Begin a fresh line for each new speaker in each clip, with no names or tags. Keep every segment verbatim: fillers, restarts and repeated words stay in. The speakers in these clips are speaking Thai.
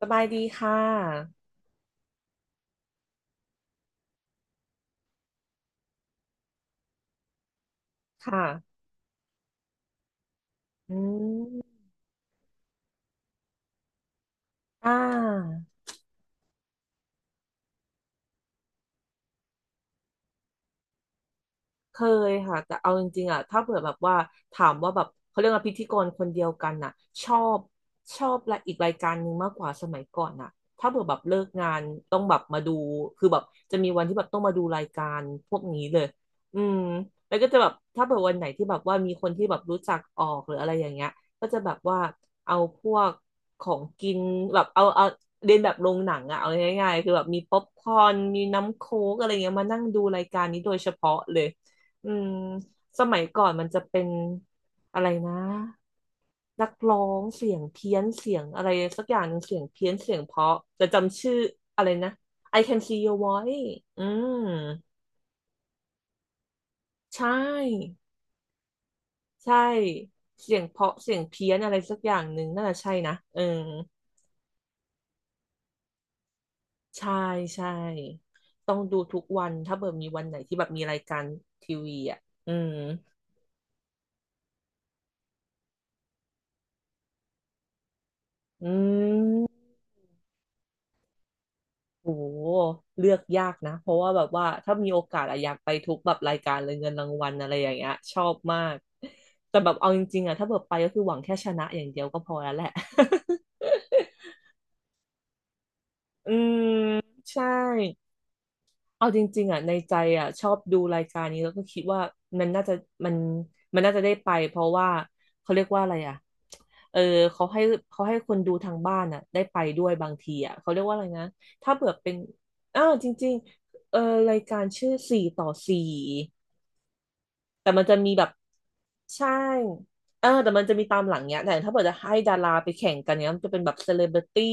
สบายดีค่ะ ค่ะอืมอ่า เคยค่ะแต่เอาจริงๆอ่ะถ้าเผื่อแบบว่าถามว่าแบบเขาเรียกว่าพิธีกรคนเดียวกันน่ะชอบชอบละอีกรายการหนึ่งมากกว่าสมัยก่อนน่ะถ้าเผื่อแบบเลิกงานต้องแบบมาดูคือแบบจะมีวันที่แบบต้องมาดูรายการพวกนี้เลยอืมแล้วก็จะแบบถ้าเผื่อวันไหนที่แบบว่ามีคนที่แบบรู้จักออกหรืออะไรอย่างเงี้ยก็จะแบบว่าเอาพวกของกินแบบเอาเอาเรียนแบบโรงหนังอะเอาง่ายๆคือแบบมีป๊อปคอร์นมีน้ำโค้กอะไรเงี้ยมานั่งดูรายการนี้โดยเฉพาะเลย อืมสมัยก่อนมันจะเป็นอะไรนะนักร้องเสียงเพี้ยนเสียงอะไรสักอย่างหนึ่งเสียงเพี้ยนเสียงเพราะจะจำชื่ออะไรนะ I can see your voice อืมใช่ใช่เสียงเพราะเสียงเพี้ยนอะไรสักอย่างหนึ่งน่าจะใช่นะเออใช่ใช่ต้องดูทุกวันถ้าเบิดมีวันไหนที่แบบมีรายการทีวีอ่ะอืมอืม โอ้โหเลือกยากนะเพราะว่าแบบว่าถ้ามีโอกาสอะอยากไปทุกแบบรายการเลยเงินรางวัลอะไรอย่างเงี้ยชอบมากแต่แบบเอาจริงๆอะถ้าแบบไปก็คือหวังแค่ชนะอย่างเดียวก็พอแล้วแหละ อืมใช่ เอาจริงๆอ่ะในใจอ่ะชอบดูรายการนี้แล้วก็คิดว่ามันน่าจะมันมันน่าจะได้ไปเพราะว่าเขาเรียกว่าอะไรอ่ะเออเขาให้เขาให้คนดูทางบ้านอ่ะได้ไปด้วยบางทีอ่ะเขาเรียกว่าอะไรนะถ้าเผื่อเป็นอ้าวจริงๆเออรายการชื่อสี่ต่อสี่ แต่มันจะมีแบบใช่เออแต่มันจะมีตามหลังเนี้ยแต่ถ้าเกิดจะให้ดาราไปแข่งกันเนี้ยมันจะเป็นแบบเซเลบริตี้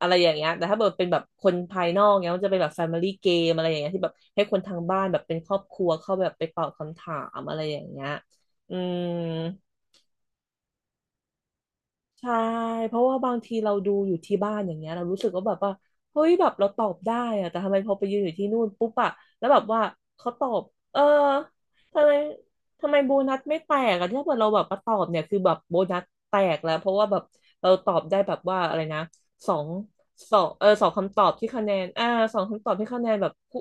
อะไรอย่างเงี้ยแต่ถ้าเกิดเป็นแบบคนภายนอกเนี้ยมันจะเป็นแบบแฟมิลี่เกมอะไรอย่างเงี้ยที่แบบให้คนทางบ้านแบบเป็นครอบครัวเข้าแบบไปตอบคำถามอะไรอย่างเงี้ยอืม ใช่เพราะว่าบางทีเราดูอยู่ที่บ้านอย่างเงี้ยเรารู้สึกว่าแบบว่าเฮ้ยแบบเราตอบได้อะแต่ทำไมพอไปยืนอยู่ที่นู่นปุ๊บอะแล้วแบบว่าเขาตอบเออทำไมทำไมโบนัสไม่แตกอะถ้าเกิดเราแบบมาตอบเนี่ยคือแบบโบนัสแตกแล้วเพราะว่าแบบเราตอบได้แบบว่าอะไรนะสองสองเออสองคำตอบที่คะแนนอ่าสองคำตอบที่คะแนนแบบผู้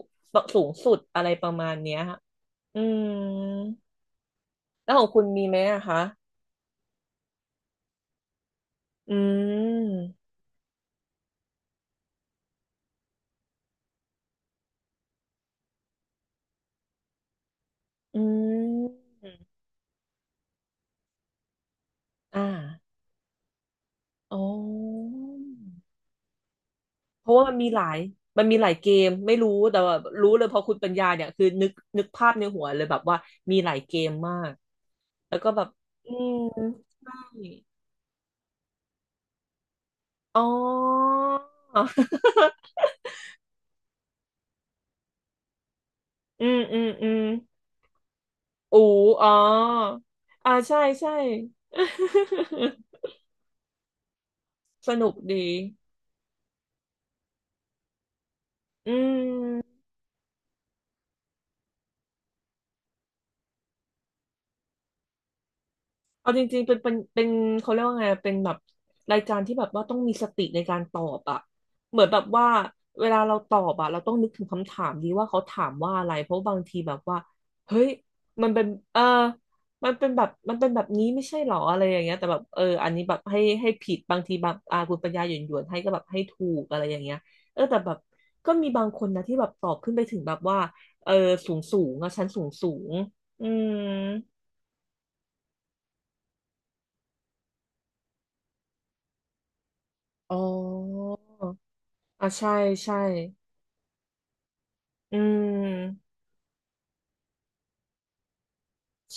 สูงสุดอะไรประมาณเนี้ยฮะอืมแล้วของคุณมีไหมอะคะอืมอืมอ่า อ๋อเพราะว่ามันมีหลายมันมีหลายเกมไม่รู้แต่ว่ารู้เลยพอคุณปัญญาเนี่ยคือนึกนึกภาพในหัวเลยแบบว่ามีหลายเกมมากแล้วก็แบบอืมอ๋ออืมอืมอืมอูอ๋ออ่าใช่ใช่ สนุกดีอืม เอาจริงๆเป็นเป็นเป็นเขาเรียกว่าไงเป็นแบบรายการที่แบบว่าต้องมีสติในการตอบอะเหมือนแบบว่าเวลาเราตอบอะเราต้องนึกถึงคำถามดีว่าเขาถามว่าอะไรเพราะบางทีแบบว่าเฮ้ยมันเป็นเออมันเป็นแบบมันเป็นแบบนี้ไม่ใช่หรออะไรอย่างเงี้ยแต่แบบเอออันนี้แบบให้ให้ผิดบางทีแบบอาคุณปัญญาหยวนหยวนให้ก็แบบให้ถูกอะไรอย่างเงี้ยเออแต่แบบก็มีบางคนนะที่แบบตอบขึ้นไปถึงแบบว่าเออสูงสูงอะชั้นสูงสูงอืมอ๋อ อ่ะใช่ใช่อืม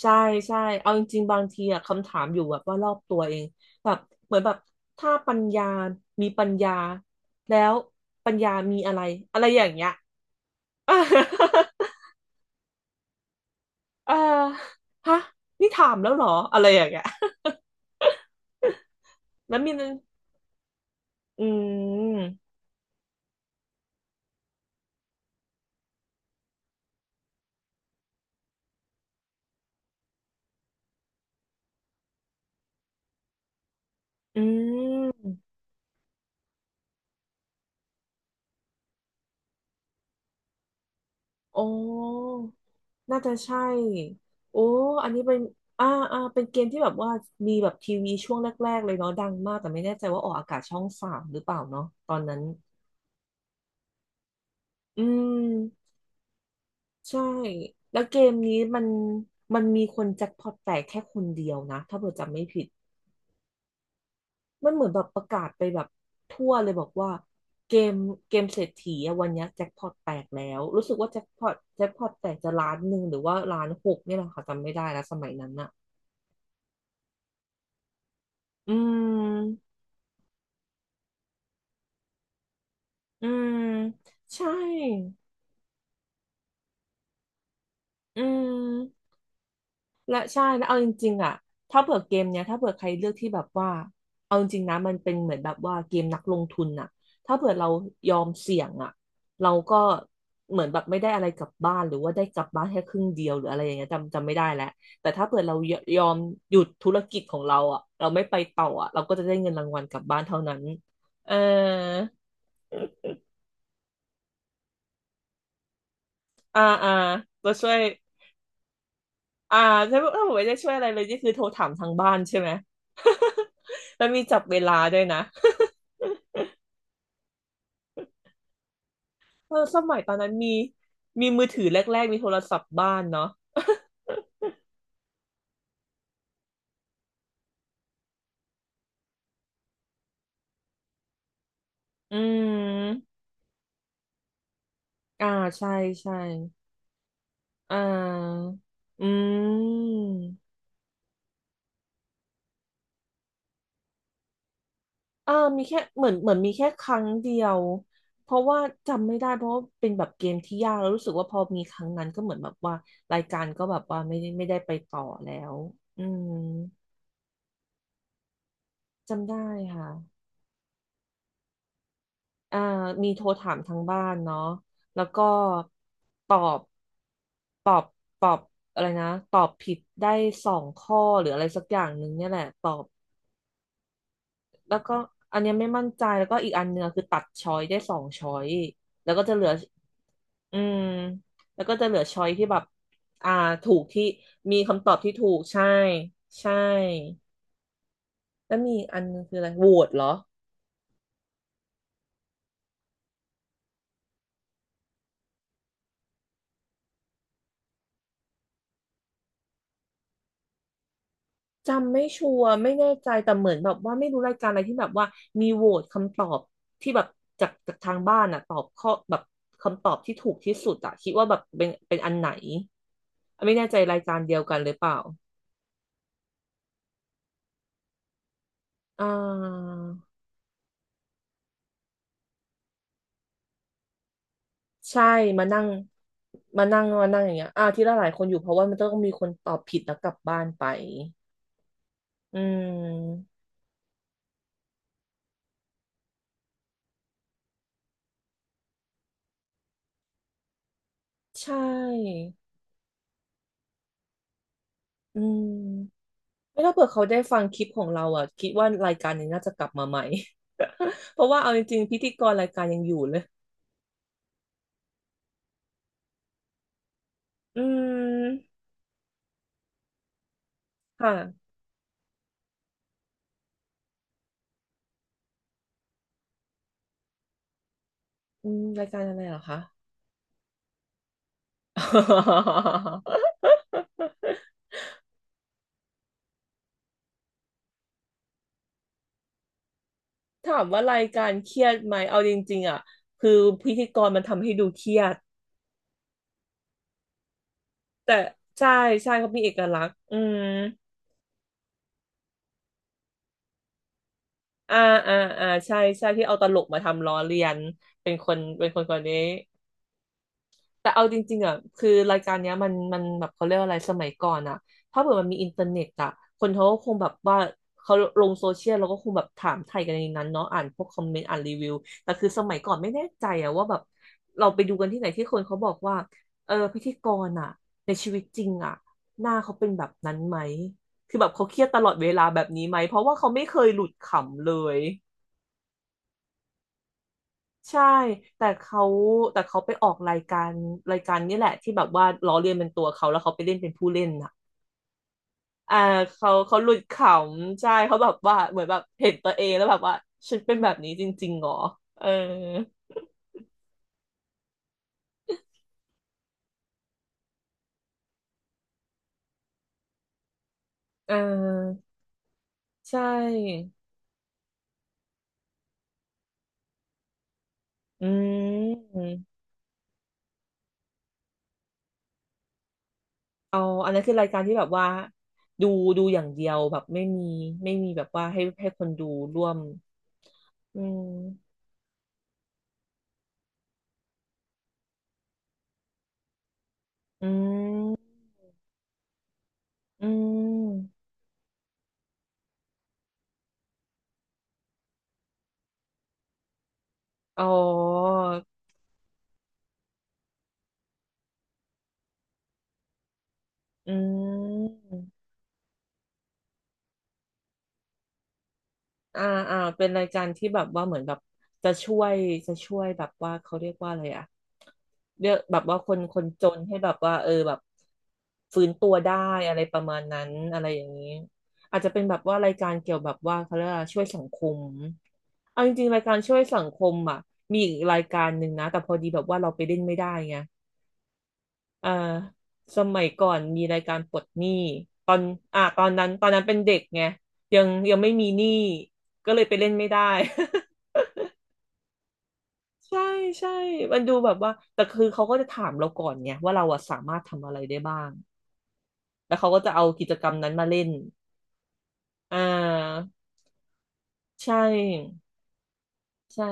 ใช่ใช่เอาจริงๆบางทีอะคำถามอยู่แบบว่ารอบตัวเองแบบเหมือนแบบถ้าปัญญามีปัญญาแล้วปัญญามีอะไรอะไรอย่างเงี้ย เออฮะนี่ถามแล้วเหรออะไรอย่างเงี้ย แล้วมีนึงอืมอืม โอ้น่าจะใช่โอ้อันนี้เป็นอ่าอ่าเป็นเกมที่แบบว่ามีแบบทีวีช่วงแรกๆเลยเนาะดังมากแต่ไม่แน่ใจว่าออกอากาศช่องสามหรือเปล่าเนาะตอนนั้น อืม ใช่ แล้วเกมนี้มันมันมีคนแจ็คพอตแตกแค่คนเดียวนะถ้าเผื่อจำไม่ผิด มันเหมือนแบบประกาศไปแบบทั่วเลยบอกว่าเกมเกมเศรษฐีอะวันเนี้ยแจ็คพอตแตกแล้ว รู้สึกว่าแจ็คพอตแจ็คพอตแตกจะล้านหนึ่งหรือว่าล้านหกเนี่ยแหละค่ะจำไม่ได้แล้วสมัยนั้นอะ อืมอืมใช่อืมและใช่แล้วเอาจริงๆอ่ะถ้าเผื่อเกมเนี้ยถ้าเผื่อใครเลือกที่แบบว่าเอาจริงๆนะมันเป็นเหมือนแบบว่าเกมนักลงทุนน่ะถ้าเผื่อเรายอมเสี่ยงอ่ะเราก็เหมือนแบบไม่ได้อะไรกลับบ้านหรือว่าได้กลับบ้านแค่ครึ่งเดียวหรืออะไรอย่างเงี้ยจำจำไม่ได้แล้วแต่ถ้าเผื่อเรายอมหยุดธุรกิจของเราอ่ะเราไม่ไปต่ออ่ะเราก็จะได้เงินรางวัลกลับบ้านเท่านั้นเอออ่าอ่าตัวช่วย อ่าถ้าถ้าผมไม่ได้ช่วยอะไรเลยนี่คือโทรถามทางบ้านใช่ไหม แล้ว มีจับเวลาด้วยนะ เออสมัยตอนนั้นมีมีมือถือแรกๆมีโทรศัพท์บ้านเนาะ อืมอ่าใช่ใช่อ่าอืมอ่ามีแค่เหมือนเหมือนมีแค่ครั้งเดียวเพราะว่าจำไม่ได้เพราะว่าเป็นแบบเกมที่ยากแล้วรู้สึกว่าพอมีครั้งนั้นก็เหมือนแบบว่ารายการก็แบบว่าไม่ได้ไม่ได้ไปต่อแล้วอืมจำได้ค่ะ อ่ามีโทรถามทางบ้านเนาะแล้วก็ตอบตอบตอบอะไรนะตอบผิดได้สองข้อหรืออะไรสักอย่างหนึ่งเนี่ยแหละตอบแล้วก็อันเนี้ยไม่มั่นใจแล้วก็อีกอันเนื้อคือตัดช้อยได้สองช้อยแล้วก็จะเหลืออืมแล้วก็จะเหลือช้อยที่แบบอ่าถูกที่มีคำตอบที่ถูกใช่ใช่แล้วมีอีกอันนึงคืออะไรโหวตเหรอ จำไม่ชัวร์ไม่แน่ใจแต่เหมือนแบบว่าไม่รู้รายการอะไรที่แบบว่ามีโหวตคำตอบที่แบบจากจากทางบ้านอ่ะตอบข้อแบบคำตอบที่ถูกที่สุดอ่ะคิดว่าแบบเป็นเป็นอันไหนไม่แน่ใจรายการเดียวกันหรือเปล่าอ่าใช่มานั่งมานั่งมานั่งอย่างเงี้ยอ่าที่ละหลายคนอยู่เพราะว่ามันต้องมีคนตอบผิดแล้วกลับบ้านไปอืมใช่อืม ไม่ถ้าเผื่อเขาได้ฟังคลิปของเราอ่ะคิดว่ารายการนี้น่าจะกลับมาใหม่ เพราะว่าเอาจริงๆพิธีกรรายการยังอยู่เลยอืมค่ะอืมรายการอะไรเหรอคะ ถามว่ารายการเครียดไหมเอาจริงๆอ่ะคือพิธีกรมันทำให้ดูเครียดแต่ใช่ใช่เขามีเอกลักษณ์อืมอ่าอ่าอ่าใช่ใช่ที่เอาตลกมาทำล้อเลียนเป็นคนเป็นคนคนนี้ แต่เอาจริงๆอ่ะคือรายการเนี้ยมันมันแบบเขาเรียกว่าอะไรสมัยก่อนอ่ะถ้าเกิดมันมีอินเทอร์เน็ตอ่ะคนเขาก็คงแบบว่าเขาลงโซเชียลแล้วก็คงแบบถามไทยกันในนั้นเนาะอ่านพวกคอมเมนต์อ่านรีวิวแต่คือสมัยก่อนไม่แน่ใจอ่ะว่าแบบเราไปดูกันที่ไหนที่คนเขาบอกว่าเออพิธีกรอ่ะในชีวิตจริงอ่ะหน้าเขาเป็นแบบนั้นไหมคือแบบเขาเครียดตลอดเวลาแบบนี้ไหมเพราะว่าเขาไม่เคยหลุดขำเลย ใช่แต่เขาแต่เขาไปออกรายการรายการนี่แหละที่แบบว่าล้อเลียนเป็นตัวเขาแล้วเขาไปเล่นเป็นผู้เล่นน่ะอ่าเขาเขาหลุดขำใช่เขาแบบว่าเหมือนแบบเห็นตัวเองแล้วแบบว่าฉันเป็นแบบนี้จริงๆเหรอเออเออใช่อืมเอาอันนั้นคือรายการที่แบบว่าดูดูอย่างเดียวแบบไม่มีไม่มีแบบว่าให้ให้คนดูร่วมอืมอืมอืมอ๋อ อืมอ่าอ่าเป็นรายการที่แบบว่าเหมือนแบบจะช่วยจะช่วยแบบว่าเขาเรียกว่าอะไรอะเรียกแบบว่าคนคนจนให้แบบว่าเออแบบฟื้นตัวได้อะไรประมาณนั้นอะไรอย่างนี้อาจจะเป็นแบบว่ารายการเกี่ยวแบบว่าเขาเรียกว่าช่วยสังคมเอาจริงๆรายการช่วยสังคมอ่ะมีอีกรายการหนึ่งนะแต่พอดีแบบว่าเราไปเล่นไม่ได้ไง อ่าสมัยก่อนมีรายการปลดหนี้ตอนอ่าตอนนั้นตอนนั้นเป็นเด็กไงยังยังไม่มีหนี้ก็เลยไปเล่นไม่ได้ ใช่ใช่มันดูแบบว่าแต่คือเขาก็จะถามเราก่อนไงว่าเราอะสามารถทำอะไรได้บ้างแล้วเขาก็จะเอากิจกรรมนั้นมาเล่นอ่าใช่ใช่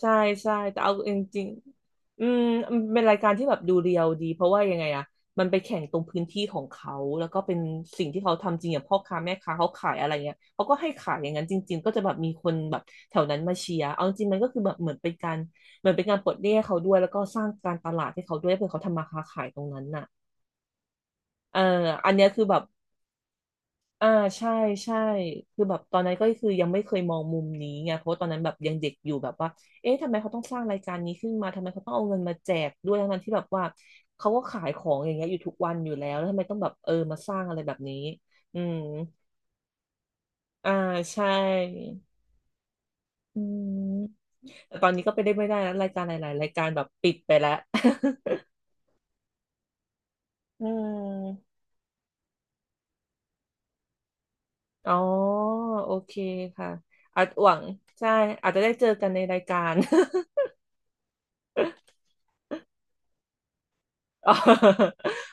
ใช่ใช่แต่เอาจริงๆอืมมันเป็นรายการที่แบบดูเรียลดีเพราะว่ายังไงอะมันไปแข่งตรงพื้นที่ของเขาแล้วก็เป็นสิ่งที่เขาทำจริงอย่างพ่อค้าแม่ค้าเขาขายอะไรเงี้ยเขาก็ให้ขายอย่างนั้นจริงๆก็จะแบบมีคนแบบแถวนั้นมาเชียร์เอาจริงมันก็คือแบบเหมือนเป็นการเหมือนเป็นการปลดหนี้ให้เขาด้วยแล้วก็สร้างการตลาดให้เขาด้วยเพื่อเขาทำมาค้าขายตรงนั้นน่ะเอออันเนี้ยคือแบบ อ่าใช่ใช่คือแบบตอนนั้นก็คือยังไม่เคยมองมุมนี้ไงเพราะว่าตอนนั้นแบบยังเด็กอยู่แบบว่าเอ๊ะทำไมเขาต้องสร้างรายการนี้ขึ้นมาทำไมเขาต้องเอาเงินมาแจกด้วยทั้งนั้นที่แบบว่าเขาก็ขายของอย่างเงี้ยอยู่ทุกวันอยู่แล้วแล้วทำไมต้องแบบเออมาสร้างอะไรแบบนี้อืมอ่าใช่อืมแต่ตอนนี้ก็ไปได้ไม่ได้แล้วรายการหลายๆรายการแบบปิดไปแล้ว อืมอ๋อโอเคค่ะอาจหวังใช่อาจจะได้เจอกันในรายการ อ๋อ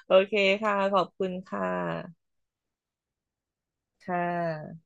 โอเคค่ะขอบคุณค่ะค่ะ